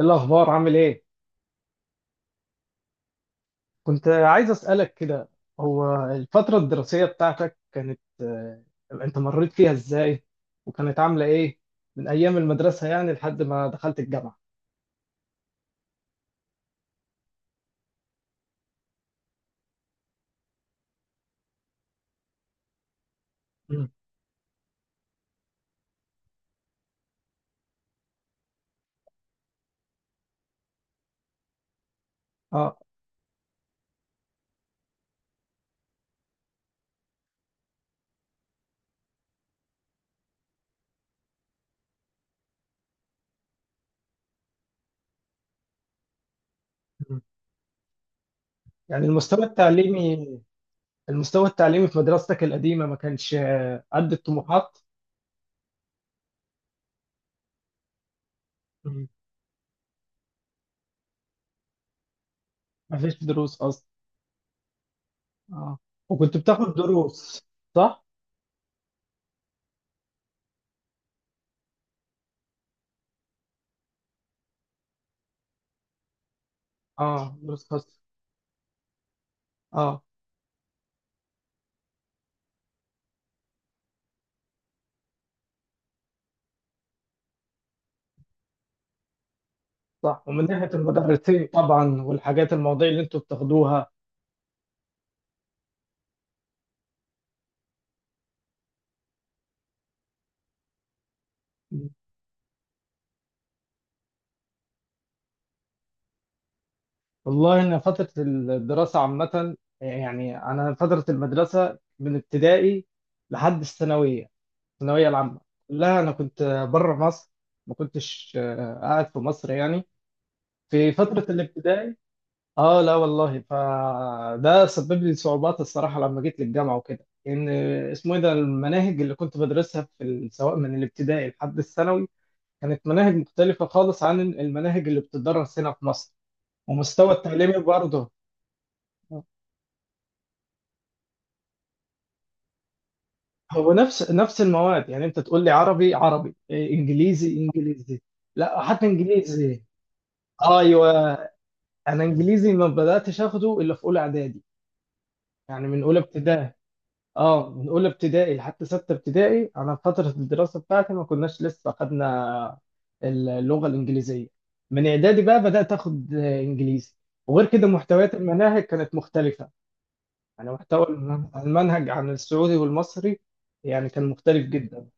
إيه الأخبار عامل إيه؟ كنت عايز أسألك كده. هو الفترة الدراسية بتاعتك كانت أنت مريت فيها إزاي؟ وكانت عاملة إيه؟ من أيام المدرسة يعني لحد ما دخلت الجامعة. مم. آه. مم. يعني المستوى التعليمي في مدرستك القديمة ما كانش قد الطموحات؟ مم. ما فيش دروس أصلا. آه، وكنت بتاخد دروس صح؟ آه، دروس خاصة. آه. صح، ومن ناحية المدرسين طبعا والحاجات المواضيع اللي أنتوا بتاخدوها. والله إن فترة الدراسة عامة، يعني أنا فترة المدرسة من ابتدائي لحد الثانوية، الثانوية العامة كلها أنا كنت بره مصر، ما كنتش قاعد في مصر يعني. في فترة الابتدائي آه لا والله، فده سبب لي صعوبات الصراحة لما جيت للجامعة وكده، إن اسمه إيه ده المناهج اللي كنت بدرسها في سواء من الابتدائي لحد الثانوي كانت مناهج مختلفة خالص عن المناهج اللي بتدرس هنا في مصر، ومستوى التعليمي برضه هو نفس المواد. يعني انت تقول لي عربي عربي إيه، انجليزي انجليزي. لا حتى انجليزي. ايوه، انا انجليزي ما بداتش اخده الا في اولى اعدادي، يعني من اولى ابتدائي. اه، من اولى ابتدائي لحد سته ابتدائي انا في فتره الدراسه بتاعتي ما كناش لسه اخدنا اللغه الانجليزيه، من اعدادي بقى بدات اخد انجليزي، وغير كده محتويات المناهج كانت مختلفه. يعني محتوى المنهج عن السعودي والمصري، يعني كان مختلف جدا.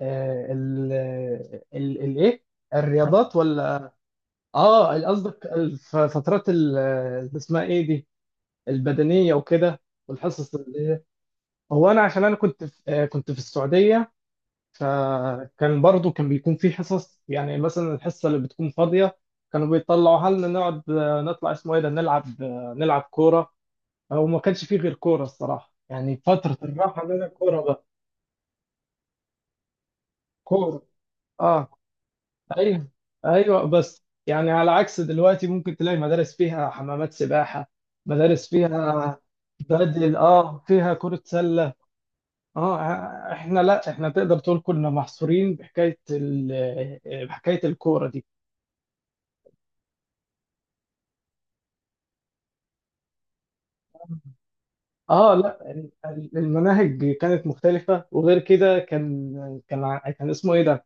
آه، ال ال الايه الرياضات ولا؟ اه قصدك فترات اللي اسمها ايه دي، البدنيه وكده، والحصص هو انا عشان انا كنت في آه، كنت في السعوديه، فكان برضو كان بيكون في حصص. يعني مثلا الحصه اللي بتكون فاضيه كانوا بيطلعوا حالنا، نقعد آه، نطلع اسمه ايه ده نلعب كوره. هو ما كانش فيه غير كوره الصراحه، يعني فتره الراحه لنا كوره بقى. كوره، اه. ايوه، ايوه، بس يعني على عكس دلوقتي ممكن تلاقي مدارس فيها حمامات سباحه، مدارس فيها بدل، اه، فيها كره سله. اه، احنا لا، احنا تقدر تقول كنا محصورين بحكايه بحكايه الكوره دي. اه لا، المناهج كانت مختلفه، وغير كده كان اسمه ايه ده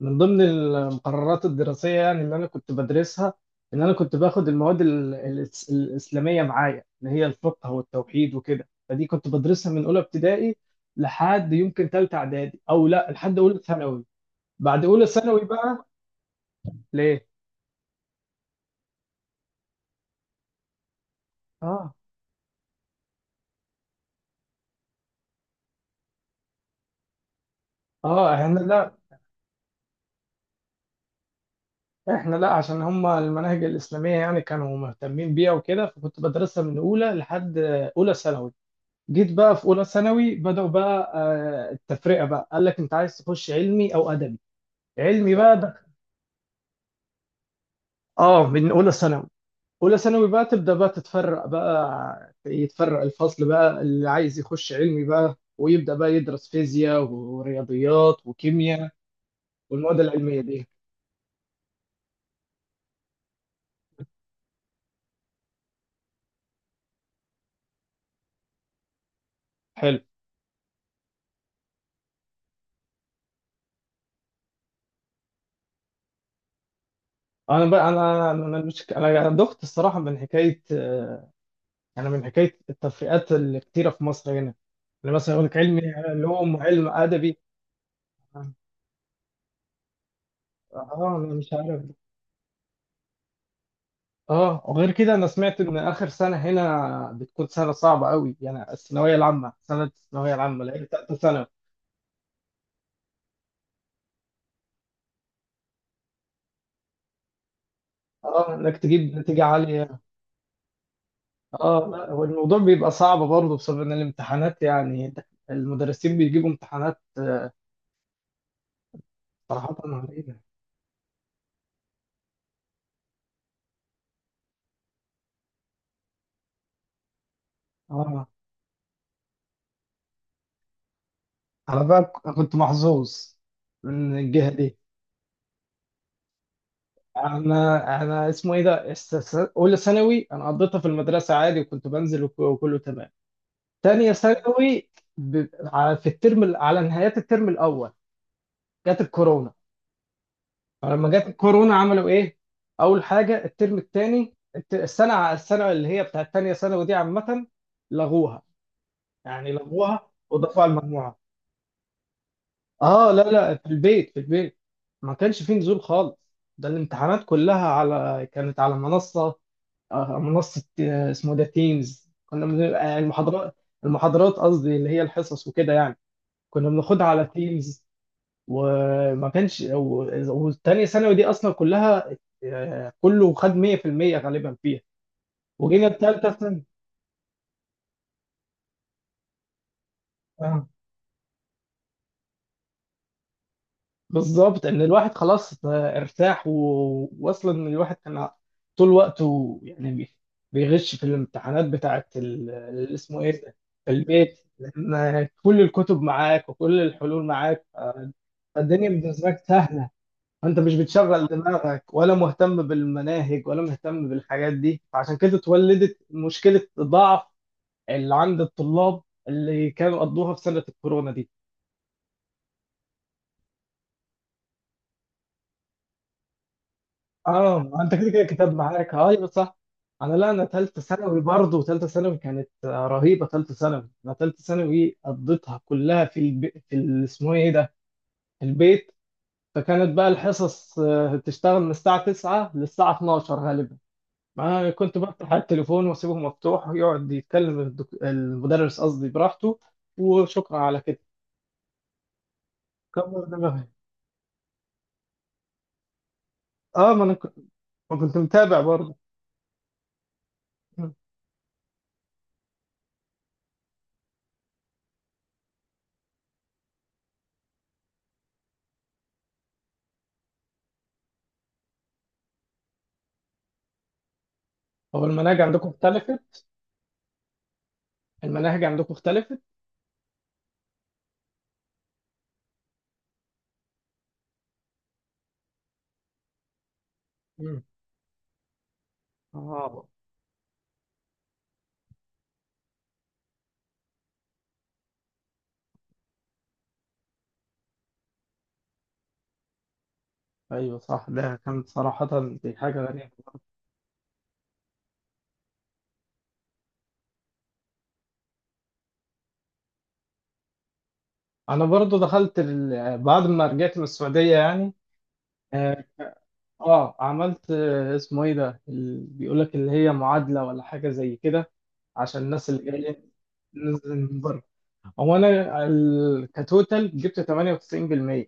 من ضمن المقررات الدراسية، يعني اللي أنا كنت بدرسها إن أنا كنت باخد المواد الإسلامية معايا، اللي هي الفقه والتوحيد وكده، فدي كنت بدرسها من أولى ابتدائي لحد يمكن تالتة إعدادي، أو لا لحد أولى ثانوي. بعد أولى ثانوي بقى. ليه؟ آه. آه، إحنا لا، إحنا لا عشان هما المناهج الإسلامية يعني كانوا مهتمين بيها وكده، فكنت بدرسها من أولى لحد أولى ثانوي. جيت بقى في أولى ثانوي بدأوا بقى التفرقة بقى، قال لك أنت عايز تخش علمي أو أدبي. علمي بقى ده. اه، من اولى ثانوي. اولى ثانوي بقى تبدا بقى تتفرق، بقى يتفرق الفصل بقى، اللي عايز يخش علمي بقى ويبدا بقى يدرس فيزياء ورياضيات وكيمياء والمواد العلميه دي. حلو. انا بقى، انا مش، انا دخت الصراحه من حكايه، انا من حكايه التفرقات الكتيره في مصر هنا. يعني مثلا يقول لك علمي علوم وعلم ادبي. اه. انا مش عارف. اه، وغير كده انا سمعت ان اخر سنه هنا بتكون سنه صعبه قوي، يعني الثانويه العامه، سنه الثانويه العامه اللي هي ثالثه ثانوي. اه، انك تجيب نتيجه عاليه. اه لا، والموضوع بيبقى صعب برضه بسبب ان الامتحانات يعني المدرسين بيجيبوا امتحانات صراحه علينا. اه، انا بقى كنت محظوظ من الجهه دي. انا اسمه ايه ده اولى ثانوي انا قضيتها في المدرسه عادي، وكنت بنزل وكله تمام. تانية ثانوي ب... على- في الترم ال- على نهايات الترم الأول جت الكورونا. فلما جت الكورونا عملوا إيه؟ أول حاجة الترم التاني السنة اللي هي بتاعت تانية ثانوي دي عامة لغوها. يعني لغوها وضافوها على المجموعة. آه لا لا، في البيت، في البيت، ما كانش فيه نزول خالص. ده الامتحانات كلها كانت على منصة، منصة اسمه ده تيمز. المحاضرات قصدي اللي هي الحصص وكده، يعني كنا بناخدها على تيمز. وما كانش والتانية ثانوي دي أصلا كلها، كله خد 100% غالبا فيها. وجينا التالتة ثانوي آه، بالظبط إن الواحد خلاص ارتاح، وأصلا الواحد كان طول وقته يعني بيغش في الامتحانات بتاعة اللي اسمه إيه ده، في البيت، لأن كل الكتب معاك وكل الحلول معاك فالدنيا بالنسبة لك سهلة. انت مش بتشغل دماغك ولا مهتم بالمناهج ولا مهتم بالحاجات دي، فعشان كده اتولدت مشكلة ضعف اللي عند الطلاب اللي كانوا قضوها في سنة الكورونا دي. اه، انت كده كده كتاب معاك، ايوه صح. انا لا، انا ثالثه ثانوي برضه، ثالثه ثانوي كانت رهيبه. ثالثه ثانوي انا، ثالثه ثانوي قضيتها كلها في الب... في ال- اسمه ايه ده، في البيت. فكانت بقى الحصص بتشتغل من الساعه 9 للساعه 12 غالبا. ما كنت بفتح على التليفون واسيبه مفتوح، يقعد يتكلم المدرس قصدي براحته، وشكرا على كده. كبر دماغي. اه، ما انا كنت ما كنت متابع برضه. مم. هو المناهج عندكم اختلفت. المناهج عندكم اختلفت. مم. اه ايوه صح، ده كانت صراحة دي حاجة غريبة. انا برضه دخلت بعد ما رجعت من السعودية يعني. اه، عملت اسمه ايه ده بيقول لك اللي هي معادلة ولا حاجة زي كده، عشان الناس اللي جاية. هو انا كتوتال جبت 98%،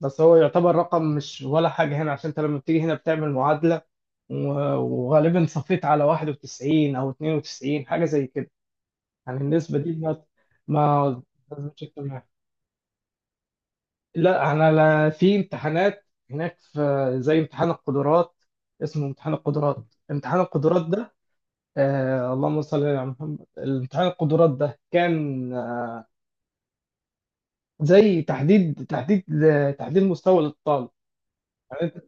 بس هو يعتبر رقم مش ولا حاجه هنا، عشان انت لما بتيجي هنا بتعمل معادله، وغالبا صفيت على 91 او 92 حاجه زي كده، يعني النسبه دي ما لازمش تمام. لا انا، لا في امتحانات هناك، في زي امتحان القدرات، اسمه امتحان القدرات. امتحان القدرات ده، آه اللهم صل على محمد، امتحان القدرات ده كان زي تحديد مستوى للطالب. يعني أنت-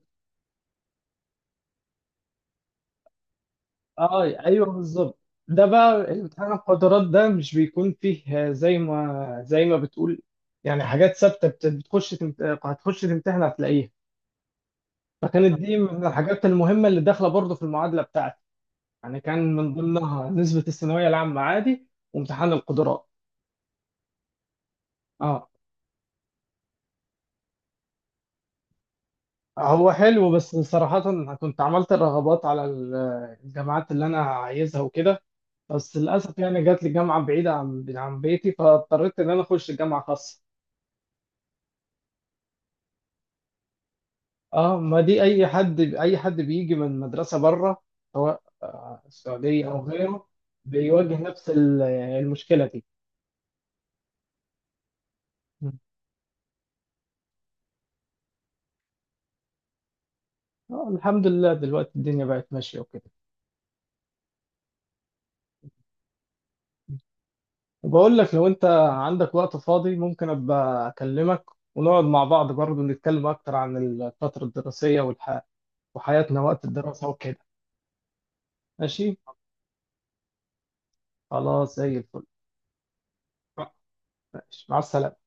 اه ايوه بالظبط. ده بقى امتحان القدرات ده مش بيكون فيه زي ما بتقول يعني، حاجات ثابته بتخش هتخش تمتحن هتلاقيها. فكانت دي من الحاجات المهمه اللي داخله برضه في المعادله بتاعتي، يعني كان من ضمنها نسبه الثانويه العامه عادي وامتحان القدرات. اه. هو حلو بس صراحه أنا كنت عملت الرغبات على الجامعات اللي انا عايزها وكده، بس للاسف يعني جات لي جامعه بعيده عن بيتي، فاضطريت ان انا اخش جامعه خاصه. اه، ما دي اي حد، اي حد بيجي من مدرسه بره، سواء السعوديه او غيره، بيواجه نفس يعني المشكله دي. مم. الحمد لله دلوقتي الدنيا بقت ماشيه وكده. وبقول لك لو انت عندك وقت فاضي ممكن ابقى اكلمك ونقعد مع بعض برضه نتكلم اكتر عن الفتره الدراسيه وحياتنا وقت الدراسه وكده. ماشي. خلاص زي الفل. ماشي مع السلامه.